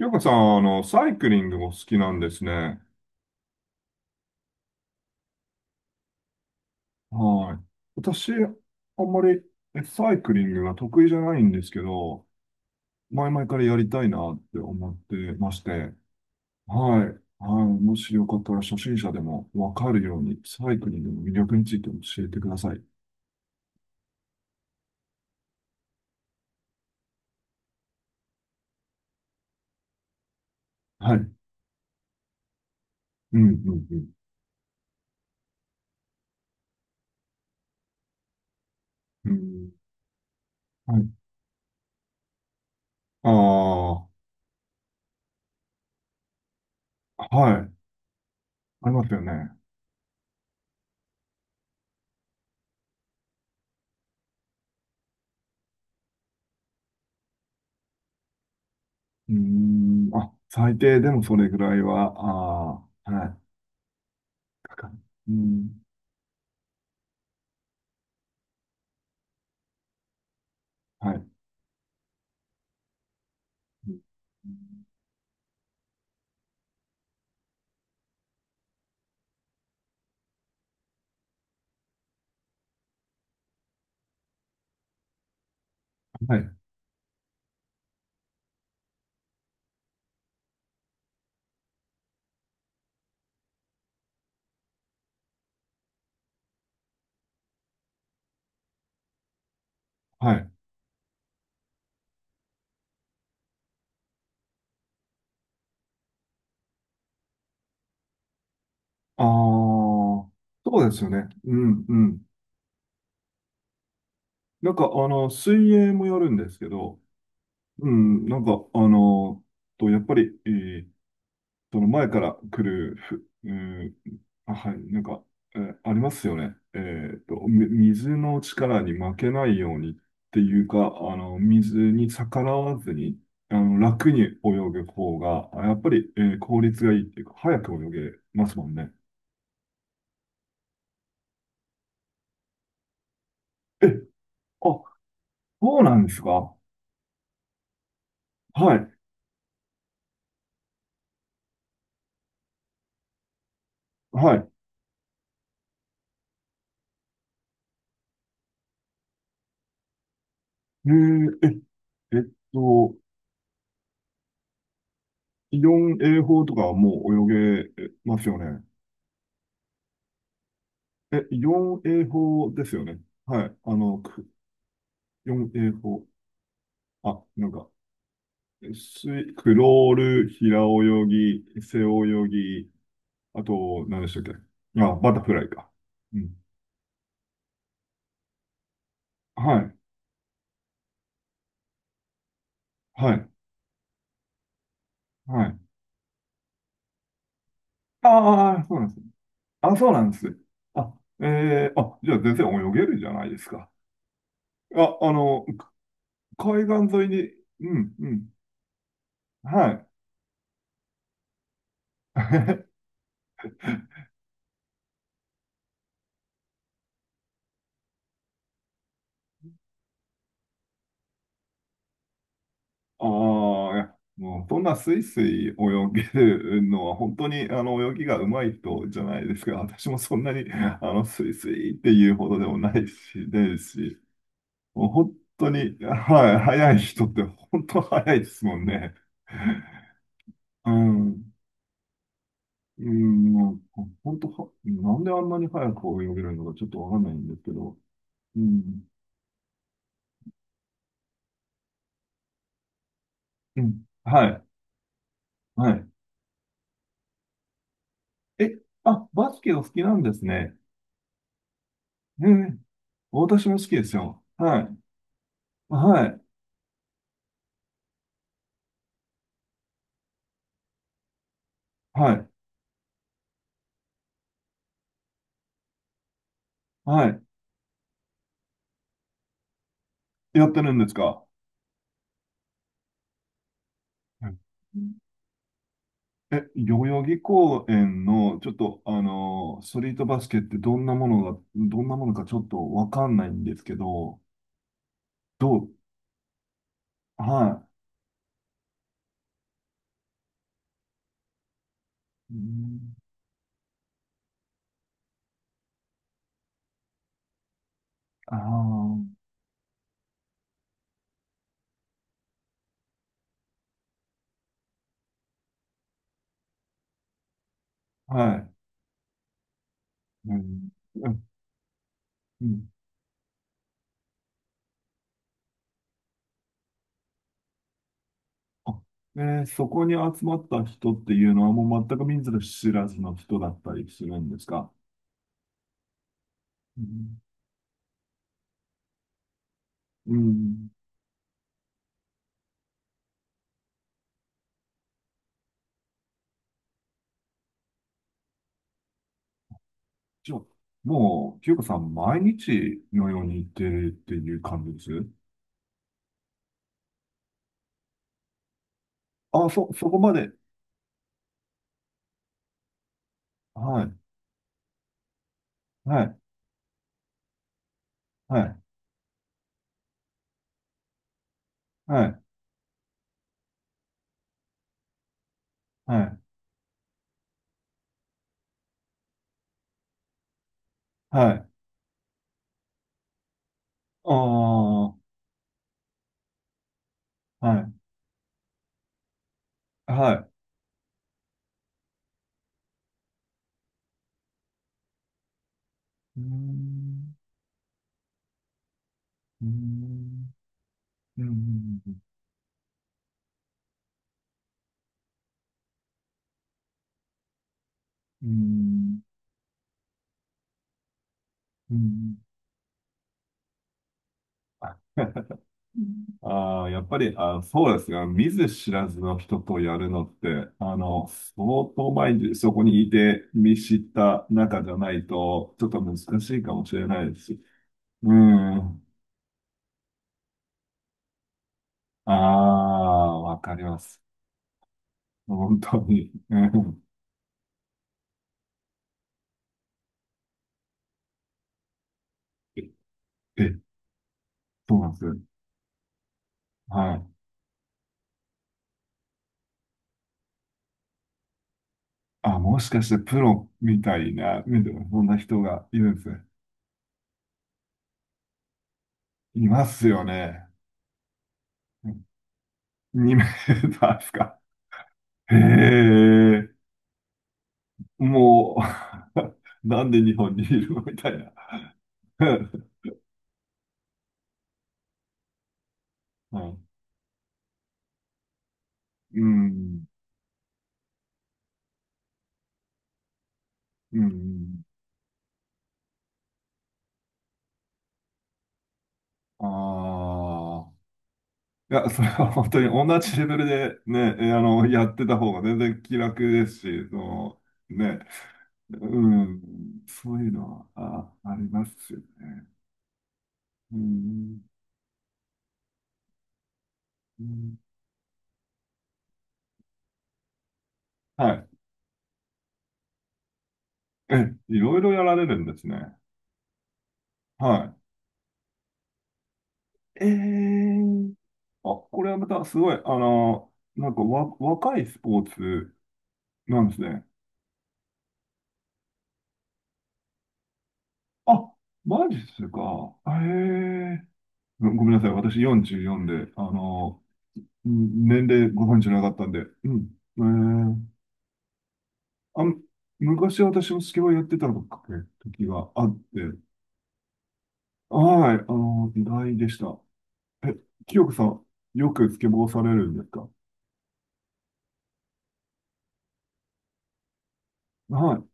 ゆうかさん、サイクリングも好きなんですね。はい。私、あんまりサイクリングが得意じゃないんですけど、前々からやりたいなって思ってまして、はい。はい。もしよかったら初心者でもわかるように、サイクリングの魅力について教えてください。はい。うん、うん、うん。うん、はい。ああ、はい。ありますよね。うーん、あ、最低でもそれぐらいは、ああ、はい。かかる。うん、はい。はい、はい。ああ、そうですよね。うん、うん。なんか、水泳もやるんですけど、うん、なんか、やっぱり、その前から来る、うん、あはい、なんか、ありますよね。水の力に負けないようにっていうか、あの、水に逆らわずに、楽に泳ぐ方が、やっぱり、効率がいいっていうか、早く泳げますもんね。え、あ、そうなんですか。はい。はい。えー、え、えっと、イオン泳法とかはもう泳げますよね。え、イオン泳法ですよね。はい。イオン泳法。あ、なんか、クロール、平泳ぎ、背泳ぎ、あと、何でしたっけ。あ、バタフライか。うん。はい。はい。はい。ああ、そうなんですね。あ、そうなんです。あ、あ、じゃあ全然泳げるじゃないですか。あ、海岸沿いに、うん、うん、はい。ああ、いやもうそんなスイスイ泳げるのは本当にあの泳ぎが上手い人じゃないですか。私もそんなにあのスイスイっていうほどでもないし、ですし、もう本当に、はい、速い人って本当速いですもんね。うん、うん、もう本当は、なんであんなに速く泳げるのかちょっとわかんないんですけど、うん、うん、はい、はい。え、あ、バスケお好きなんですね。ええ、私も好きですよ。はい。はい。はい。はい。やってるんですか？うん、え、代々木公園の、ちょっと、ストリートバスケってどんなものかちょっとわかんないんですけど、どう、はい。うん、ああ、はい。うん、うん、うん、あそこに集まった人っていうのはもう全く見ず知らずの人だったりするんですか？うん。じゃあ、もう、清子さん、毎日のように行ってるっていう感じです？そこまで。はい、はい、はい、はい、はい、はい。ああ、はい、はい。うーん、うーん、うーん、うーん、うーん。ああ、やっぱり、そうですが、見ず知らずの人とやるのって、相当前にそこにいて見知った仲じゃないと、ちょっと難しいかもしれないですし。うん。ああ、わかります。本当に。うん。え、えそうなんですよ。はい。あ、もしかしてプロみたいな、そんな人がいるんですね。いますよね。2メーターですか？へえ。もう なんで日本にいるのみたいな。うん、うん。うん。ああ。いや、それは本当に同じレベルでね、あの、やってた方が全然気楽ですし、その、ね、うん。そういうのは、あ、ありますよね。うん。うん、はい。え、いろいろやられるんですね。はい。ええ、あ、これはまたすごい、あの、なんかわ、若いスポーツなんですね。あ、マジっすか。へえ。ごめんなさい。私44で、あの、年齢ご存知なかったんで。うん。へえー。あの昔私もスケボーやってたのかね、時があって。はい。あの、意外でした。え、清子さん、よくスケボーされるんですか？はい。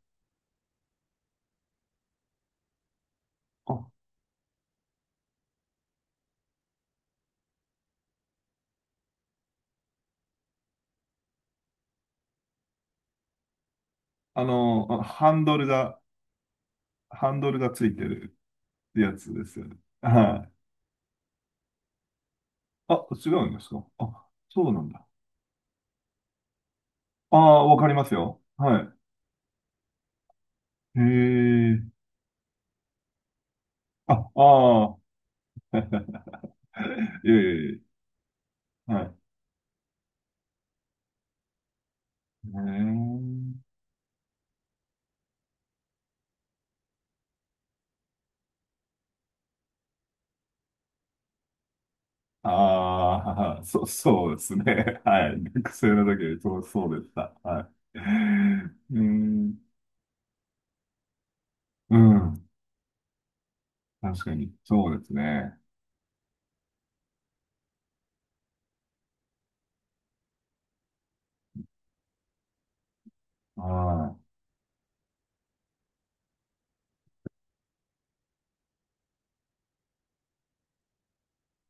あ、ハンドルが、ハンドルがついてるやつですよね。はい。あ、違うんですか？あ、そうなんだ。ああ、わかりますよ。はい。へえ、あ、ああ、ええ、はい。うーん、ああ、ははそう、そうですね。はい。学生の時そうでした。はい。うーん、うん、確かに、そうですね。はい。